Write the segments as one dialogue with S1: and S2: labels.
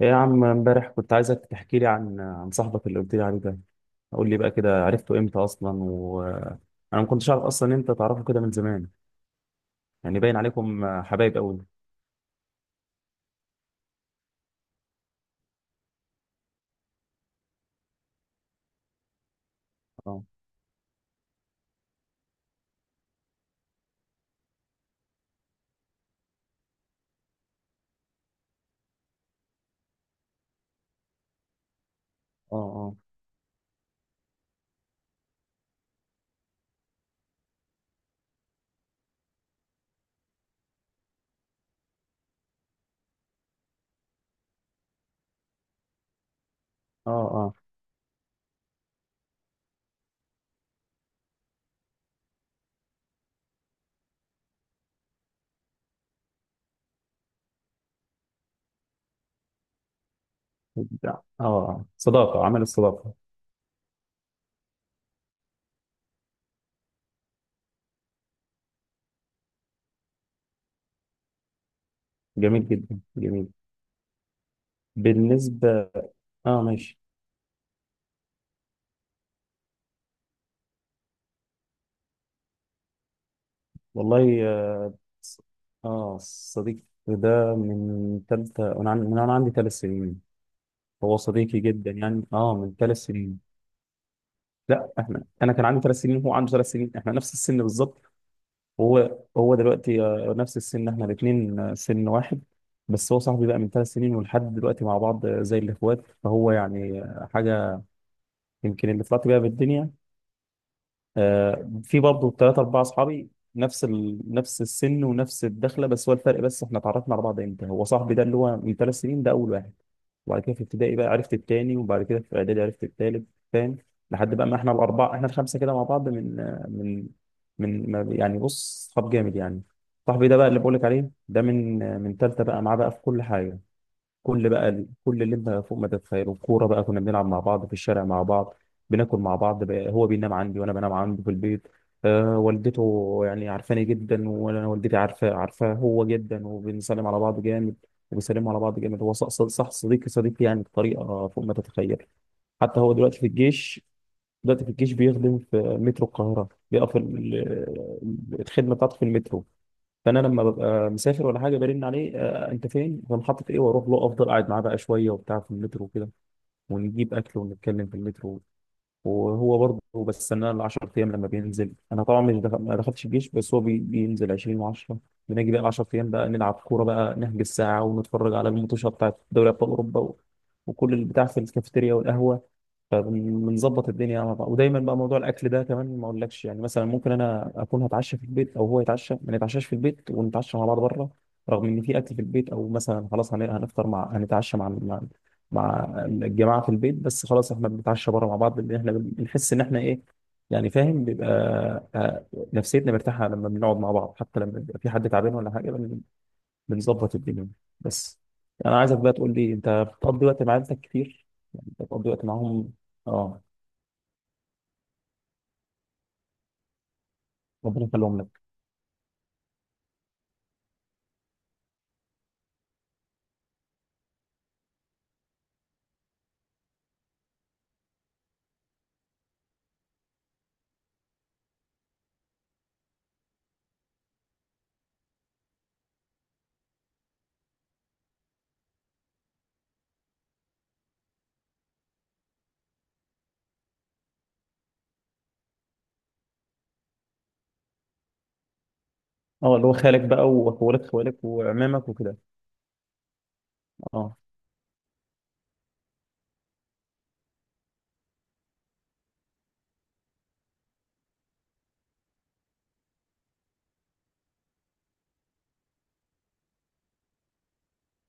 S1: ايه يا عم، امبارح كنت عايزك تحكي لي عن صاحبك اللي قلت لي عليه ده. قول لي بقى كده، عرفته امتى اصلا؟ وانا ما كنتش اعرف اصلا إن انت تعرفه كده من زمان، يعني باين عليكم حبايب قوي. اه اه اه اه اه اه آه. صداقة عمل الصداقة. جميل جدا، جميل. بالنسبة. اه ماشي. والله اه، آه، صديق ده من تالتة، وانا من انا عندي ثلاث سنين. هو صديقي جدا يعني، اه من ثلاث سنين. لا احنا انا كان عندي ثلاث سنين وهو عنده ثلاث سنين، احنا نفس السن بالظبط. وهو هو دلوقتي آه، نفس السن، احنا الاثنين آه، سن واحد. بس هو صاحبي بقى من ثلاث سنين ولحد دلوقتي مع بعض، آه، زي الاخوات. فهو يعني آه، حاجه يمكن اللي طلعت بيها بالدنيا. آه، في برضه ثلاثة أربعة أصحابي، نفس نفس السن ونفس الدخلة. بس هو الفرق، بس إحنا اتعرفنا على بعض إمتى؟ هو صاحبي ده اللي هو من ثلاث سنين ده أول واحد، وبعد كده في ابتدائي بقى عرفت التاني، وبعد كده في إعدادي عرفت التالت، فاهم؟ لحد بقى ما إحنا الأربعة، إحنا الخمسة كده مع بعض من آه، من يعني بص، صحاب جامد يعني. صاحبي ده بقى اللي بقولك عليه ده من آه، من تالتة، بقى معاه بقى في كل حاجة. كل بقى كل اللي انت فوق ما تتخيله، كوره بقى، كنا بنلعب مع بعض في الشارع مع بعض، بناكل مع بعض بقى، هو بينام عندي وانا بنام عنده في البيت. آه والدته يعني عارفاني جدا، وانا والدتي عارفاه هو جدا، وبنسلم على بعض جامد، وبيسلموا على بعض جامد. هو صح صديقي يعني بطريقه فوق ما تتخيل. حتى هو دلوقتي في الجيش، دلوقتي في الجيش بيخدم في مترو القاهره، بيقف الخدمه بتاعته في المترو. فانا لما ببقى مسافر ولا حاجه، برن عليه: آه انت فين، في محطه ايه؟ واروح له، افضل قاعد معاه بقى شويه وبتاع في المترو وكده، ونجيب اكل ونتكلم في المترو. وهو برضه بستناه ال 10 ايام لما بينزل. انا طبعا مش دخل... ما دخلتش الجيش، بس هو بينزل 20 و10. بنيجي بقى ال 10 ايام بقى نلعب كوره بقى، نحجز ساعه ونتفرج على الماتشات بتاعت دوري ابطال اوروبا و... وكل البتاع في الكافيتيريا والقهوه. فبنظبط الدنيا مع بعض. ودايما بقى موضوع الاكل ده كمان ما اقولكش، يعني مثلا ممكن انا اكون هتعشى في البيت او هو يتعشى، ما نتعشاش في البيت، ونتعشى مع بعض بره، رغم ان في اكل في البيت. او مثلا خلاص هنفطر مع، هنتعشى مع مع الجماعه في البيت، بس خلاص احنا بنتعشى بره مع بعض، لان احنا بنحس ان احنا ايه، يعني فاهم، بيبقى آه، نفسيتنا مرتاحه لما بنقعد مع بعض. حتى لما بيبقى في حد تعبان ولا حاجه، بنظبط الدنيا. بس انا عايزك بقى تقول لي، انت بتقضي وقت مع عيلتك كتير؟ يعني انت بتقضي وقت معاهم؟ اه. ربنا يخليهم لك. اه، اللي هو خالك بقى واخوالك، خوالك وعمامك وكده. اه،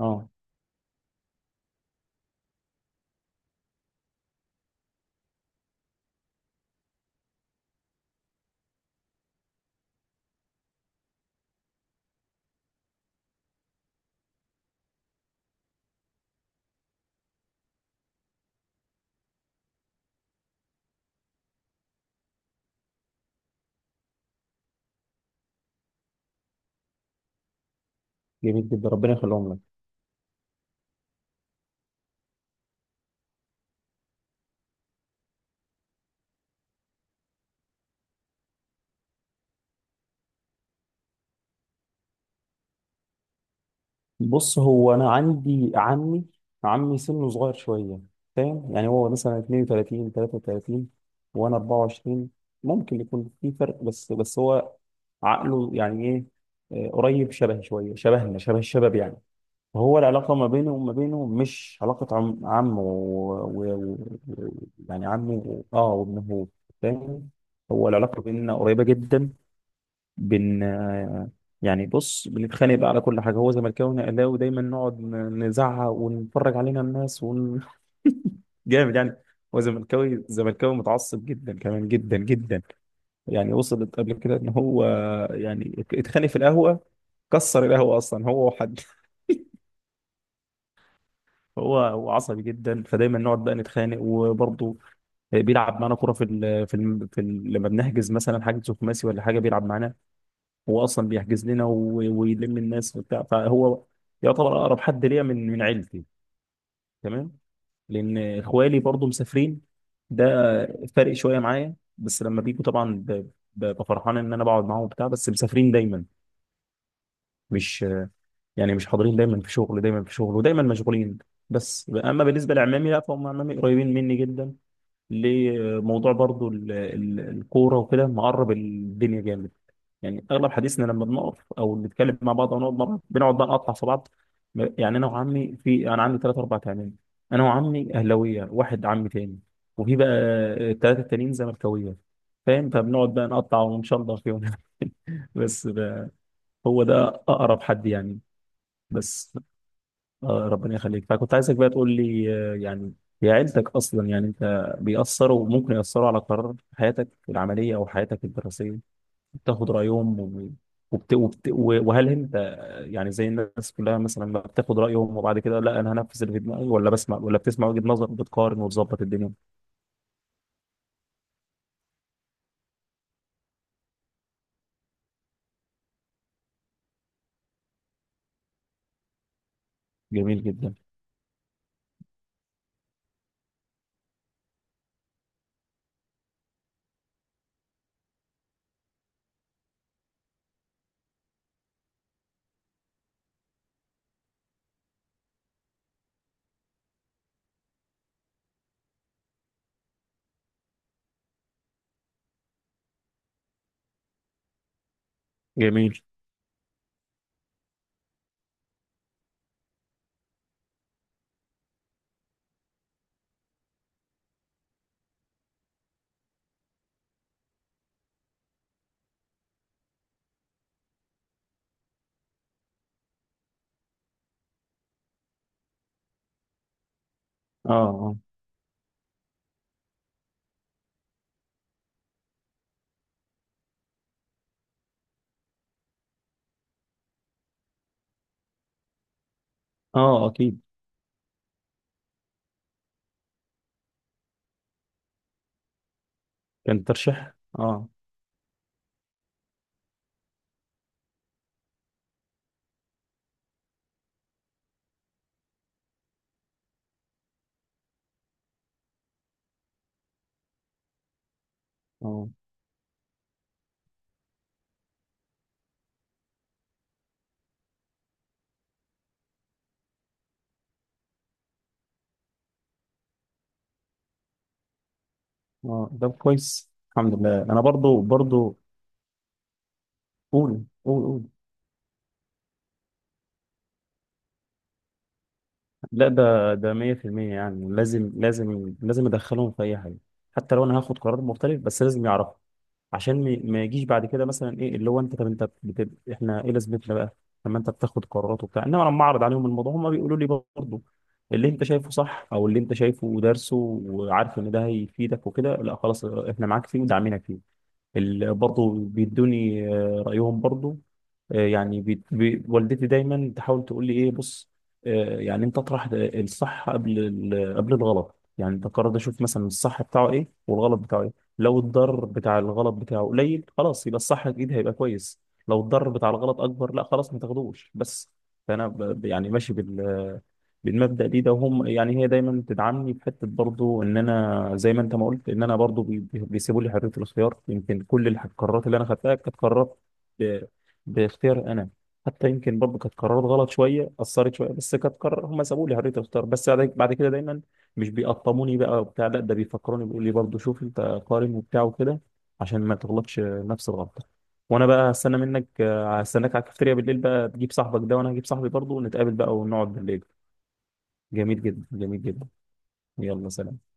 S1: اه. جميل جدا، ربنا يخليهم لك. بص، هو انا عندي عمي، عمي سنه صغير شويه، فاهم يعني، هو مثلا 32 33 وانا 24. ممكن يكون في فرق، بس بس هو عقله يعني ايه، آه، قريب شبه شويه، شبهنا، شبه الشباب يعني. هو العلاقة ما بيني وما بينه مش علاقة عم عم و... و... و... يعني عمي و... اه وابنه، فاهم؟ هو العلاقة بيننا قريبة جدا. بن يعني بص، بنتخانق بقى على كل حاجة، هو زملكاوي وانا اهلاوي، دايما نقعد نزعق ونتفرج علينا الناس ون... جامد يعني. هو زملكاوي متعصب جدا، كمان جدا جدا. يعني وصلت قبل كده ان هو يعني اتخانق في القهوة، كسر القهوة اصلا هو وحد. هو عصبي جدا، فدايما نقعد بقى نتخانق. وبرضه بيلعب معانا كوره في ال لما بنحجز مثلا حاجه خماسي ولا حاجه بيلعب معانا. هو اصلا بيحجز لنا ويلم الناس وبتاع، فهو يعتبر اقرب حد ليا من عيلتي، تمام. لان اخوالي برضه مسافرين، ده فارق شويه معايا، بس لما بيجوا طبعا ببقى فرحان ان انا بقعد معاهم وبتاع، بس مسافرين دايما، مش يعني مش حاضرين دايما، في شغل دايما، في شغل ودايما مشغولين. بس اما بالنسبه لعمامي لا، فهم عمامي قريبين مني جدا، لموضوع برضو الكورة وكده، مقرب الدنيا جامد. يعني أغلب حديثنا لما بنقف أو نتكلم مع بعض أو نقعد مع بعض، بنقعد بقى نقطع في بعض. يعني أنا وعمي، في أنا عندي ثلاث أربع تعمام، أنا وعمي أهلاوية، واحد عمي تاني وفي بقى الثلاثة التانيين زملكاوية، فاهم؟ فبنقعد بقى نقطع ونشلر فيهم. بس ده هو ده أقرب حد يعني. بس آه، ربنا يخليك. فكنت عايزك بقى تقول لي آه، يعني هي عيلتك اصلا، يعني انت بيأثروا، ممكن يأثروا على قرار حياتك العملية او حياتك الدراسية؟ بتاخد رأيهم و- وهل انت آه، يعني زي الناس كلها مثلا ما بتاخد رأيهم، وبعد كده لا انا هنفذ اللي في دماغي، ولا بسمع، ولا بتسمع وجهة نظر وبتقارن وتظبط الدنيا؟ جميل جدا، جميل. اه اه. اه اكيد. كان ترشيح. اه اه. اه، ده كويس، الحمد لله. انا برضو برضو. قول قول قول. لا ده ده 100% يعني لازم لازم لازم ادخلهم في اي حاجه. حتى لو انا هاخد قرار مختلف، بس لازم يعرفوا، عشان ما يجيش بعد كده مثلا ايه اللي هو انت، طب انت احنا ايه لازمتنا بقى لما انت بتاخد قرارات وبتاع؟ انما لما اعرض عليهم الموضوع، هم بيقولوا لي برضه اللي انت شايفه صح او اللي انت شايفه ودارسه وعارف ان ده هيفيدك وكده، لا خلاص احنا معاك فيه وداعمينك فيه. برضو بيدوني آه، رأيهم برضو. آه، يعني بي والدتي دايما تحاول تقول لي ايه، بص آه، يعني انت اطرح الصح قبل الغلط، يعني انت قرر، اشوف مثلا الصح بتاعه ايه والغلط بتاعه ايه. لو الضرر بتاع الغلط بتاعه قليل، خلاص يبقى الصح اكيد هيبقى كويس. لو الضرر بتاع الغلط اكبر، لا خلاص ما تاخدوش، بس. فانا يعني ماشي بال بالمبدأ دي. ده هم يعني هي دايما بتدعمني في حتة برضو ان انا، زي ما انت ما قلت، ان انا برضو بيسيبوا لي حرية الخيار. يمكن كل القرارات اللي انا خدتها كانت قرارات ب- باختيار انا. حتى يمكن برضو كانت قرارات غلط شوية، اثرت شوية، بس كانت قرار هم سابوا لي حرية الخيار. بس بعد بعد كده دايما مش بيقطموني بقى وبتاع، لا ده بيفكروني، بيقول لي برضو شوف انت قارن وبتاع وكده، عشان ما تغلطش نفس الغلطة. وانا بقى هستنى منك، هستناك على الكافتيريا بالليل بقى، تجيب صاحبك ده وانا هجيب صاحبي برضه، ونتقابل بقى ونقعد بالليل. جميل جدا، جميل جدا. يلا سلام.